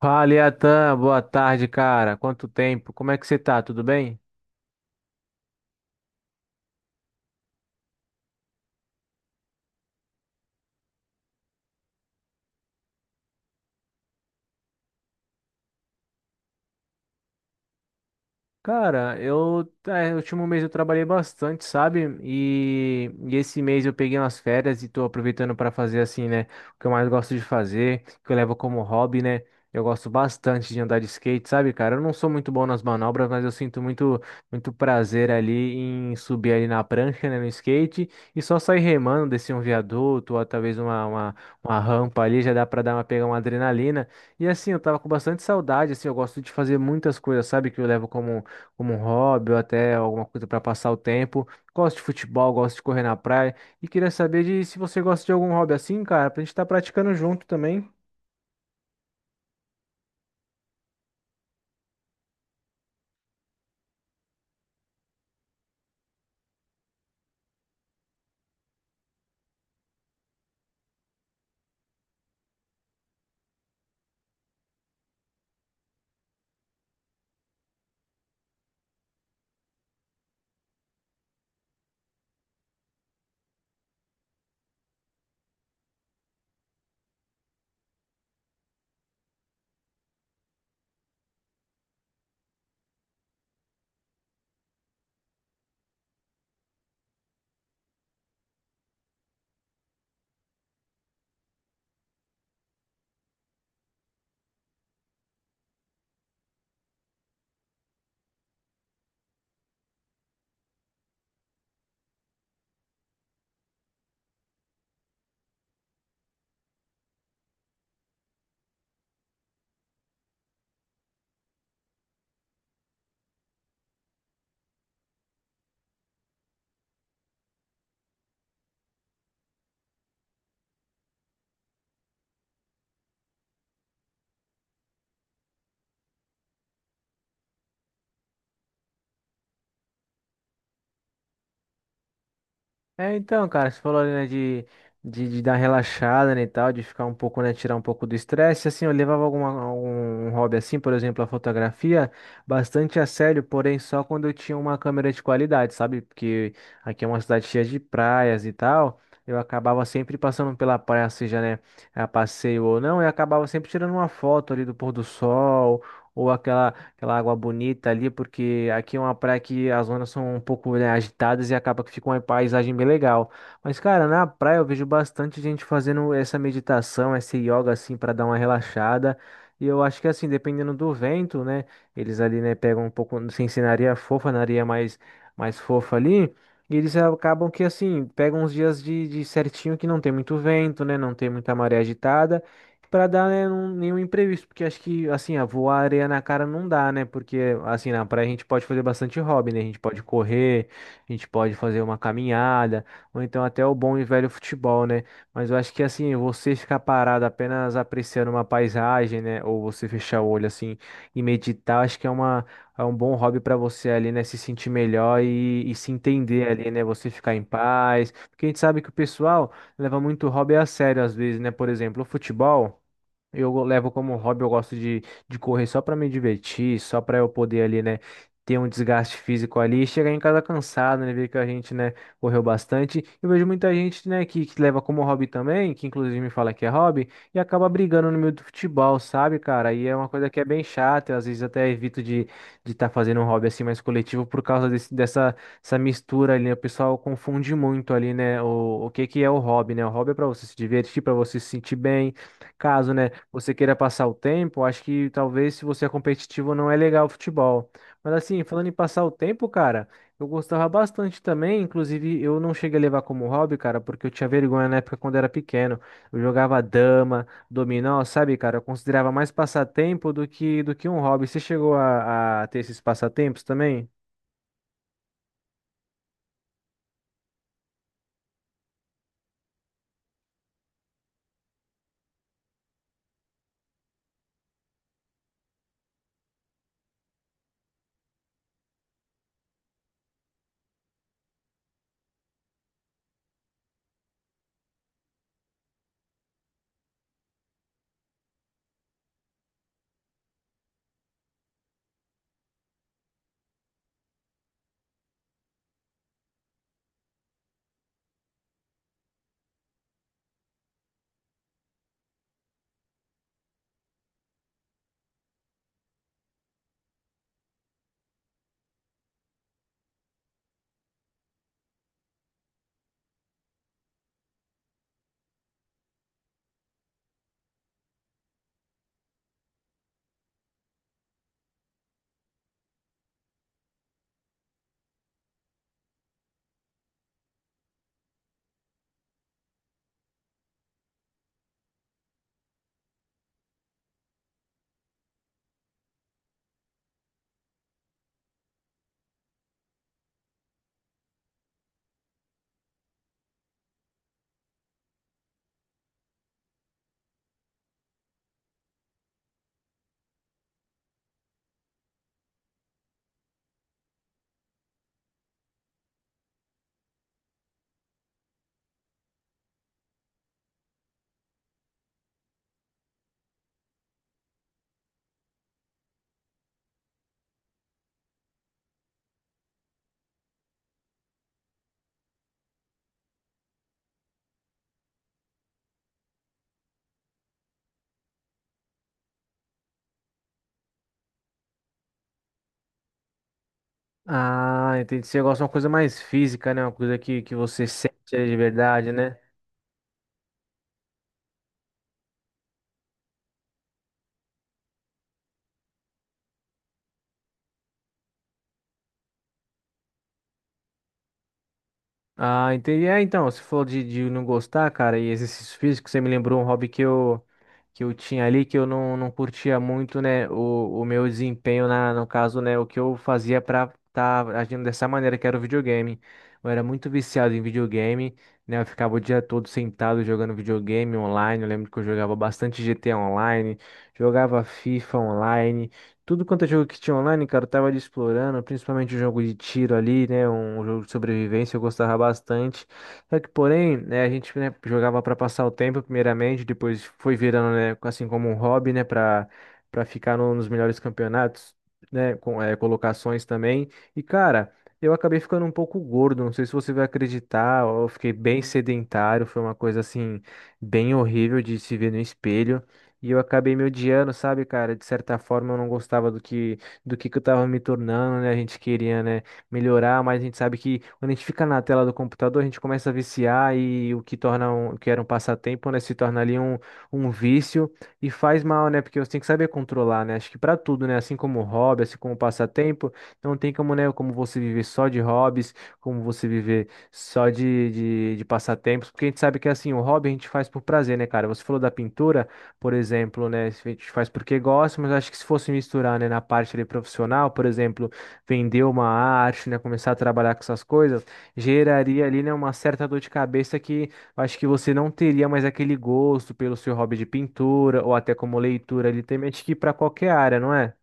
Fala, Iatan, boa tarde, cara. Quanto tempo? Como é que você tá? Tudo bem? Cara, no último mês eu trabalhei bastante, sabe? E esse mês eu peguei umas férias e tô aproveitando para fazer assim, né? O que eu mais gosto de fazer, que eu levo como hobby, né? Eu gosto bastante de andar de skate, sabe, cara? Eu não sou muito bom nas manobras, mas eu sinto muito, muito prazer ali em subir ali na prancha, né, no skate, e só sair remando, descer um viaduto ou talvez uma rampa ali, já dá pra dar uma, pegar uma adrenalina. E assim, eu tava com bastante saudade, assim, eu gosto de fazer muitas coisas, sabe, que eu levo como um hobby ou até alguma coisa para passar o tempo. Gosto de futebol, gosto de correr na praia e queria saber de se você gosta de algum hobby assim, cara, pra gente estar praticando junto também. É, então, cara, você falou ali, né, de dar relaxada, né, e tal, de ficar um pouco, né, tirar um pouco do estresse, assim, eu levava alguma, algum hobby assim, por exemplo, a fotografia, bastante a sério, porém só quando eu tinha uma câmera de qualidade, sabe? Porque aqui é uma cidade cheia de praias e tal, eu acabava sempre passando pela praia, seja, né, a passeio ou não, e acabava sempre tirando uma foto ali do pôr do sol, ou aquela água bonita ali, porque aqui é uma praia que as ondas são um pouco, né, agitadas e acaba que fica uma paisagem bem legal. Mas, cara, na praia eu vejo bastante gente fazendo essa meditação, esse yoga, assim, para dar uma relaxada. E eu acho que, assim, dependendo do vento, né, eles ali, né, pegam um pouco, sem ser na areia fofa, mais fofa ali. E eles acabam que, assim, pegam uns dias de certinho que não tem muito vento, né? Não tem muita maré agitada. Pra dar, né, um- nenhum imprevisto, porque acho que, assim, ah, voar areia na cara não dá, né? Porque, assim, na praia a gente pode fazer bastante hobby, né? A gente pode correr, a gente pode fazer uma caminhada, ou então até o bom e velho futebol, né? Mas eu acho que, assim, você ficar parado apenas apreciando uma paisagem, né? Ou você fechar o olho, assim, e meditar, acho que é uma, é um bom hobby pra você ali, né? Se sentir melhor e se entender ali, né? Você ficar em paz. Porque a gente sabe que o pessoal leva muito hobby a sério, às vezes, né? Por exemplo, o futebol. Eu levo como hobby, eu gosto de correr só para me divertir, só para eu poder ali, né, ter um desgaste físico ali, e chegar em casa cansado, né, ver que a gente, né, correu bastante. Eu vejo muita gente, né, que leva como hobby também, que inclusive me fala que é hobby, e acaba brigando no meio do futebol, sabe, cara? E é uma coisa que é bem chata, eu às vezes até evito de estar fazendo um hobby assim mais coletivo por causa desse, dessa essa mistura ali, né? O pessoal confunde muito ali, né, o que que é o hobby, né? O hobby é para você se divertir, para você se sentir bem, caso, né, você queira passar o tempo, acho que talvez se você é competitivo não é legal o futebol. Mas assim, falando em passar o tempo, cara, eu gostava bastante também, inclusive eu não cheguei a levar como hobby, cara, porque eu tinha vergonha na época quando era pequeno. Eu jogava dama, dominó, sabe, cara, eu considerava mais passatempo do que um hobby. Você chegou a ter esses passatempos também? Ah, entendi. Você gosta de uma coisa mais física, né? Uma coisa que você sente de verdade, né? Ah, entendi. É, então, você falou de não gostar, cara, e exercícios físicos, você me lembrou um hobby que eu tinha ali, que eu não, não curtia muito, né, o meu desempenho, na, no caso, né, o que eu fazia pra estar agindo dessa maneira, que era o videogame. Eu era muito viciado em videogame, né, eu ficava o dia todo sentado jogando videogame online, eu lembro que eu jogava bastante GTA online, jogava FIFA online, tudo quanto é jogo que tinha online, cara, eu tava ali explorando, principalmente o jogo de tiro ali, né? Um jogo de sobrevivência, eu gostava bastante. Só que, porém, né, a gente, né, jogava pra passar o tempo, primeiramente, depois foi virando, né, assim como um hobby, né, pra ficar no- nos melhores campeonatos, né, com colocações também. E, cara, eu acabei ficando um pouco gordo, não sei se você vai acreditar, eu fiquei bem sedentário, foi uma coisa assim, bem horrível de se ver no espelho. E eu acabei me odiando, sabe, cara? De certa forma eu não gostava do que que eu tava me tornando, né? A gente queria, né, melhorar, mas a gente sabe que quando a gente fica na tela do computador, a gente começa a viciar e o que torna um, o que era um passatempo, né, se torna ali um, um vício e faz mal, né? Porque você tem que saber controlar, né? Acho que pra tudo, né, assim como hobby, assim como passatempo, não tem como, né, como você viver só de hobbies, como você viver só de passatempos, porque a gente sabe que assim, o hobby a gente faz por prazer, né, cara? Você falou da pintura, por exemplo, né? A gente faz porque gosta, mas acho que se fosse misturar, né, na parte ali profissional, por exemplo, vender uma arte, né, começar a trabalhar com essas coisas, geraria ali, né, uma certa dor de cabeça que eu acho que você não teria mais aquele gosto pelo seu hobby de pintura ou até como leitura ali, tem que ir para qualquer área, não é?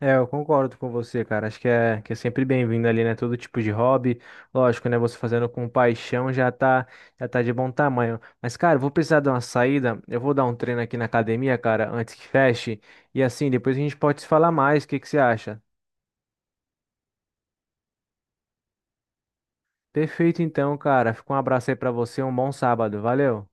É, eu concordo com você, cara. Acho que é sempre bem-vindo ali, né? Todo tipo de hobby. Lógico, né? Você fazendo com paixão já tá de bom tamanho. Mas, cara, eu vou precisar de uma saída. Eu vou dar um treino aqui na academia, cara, antes que feche. E assim, depois a gente pode se falar mais. O que que você acha? Perfeito, então, cara. Fica um abraço aí pra você. Um bom sábado. Valeu.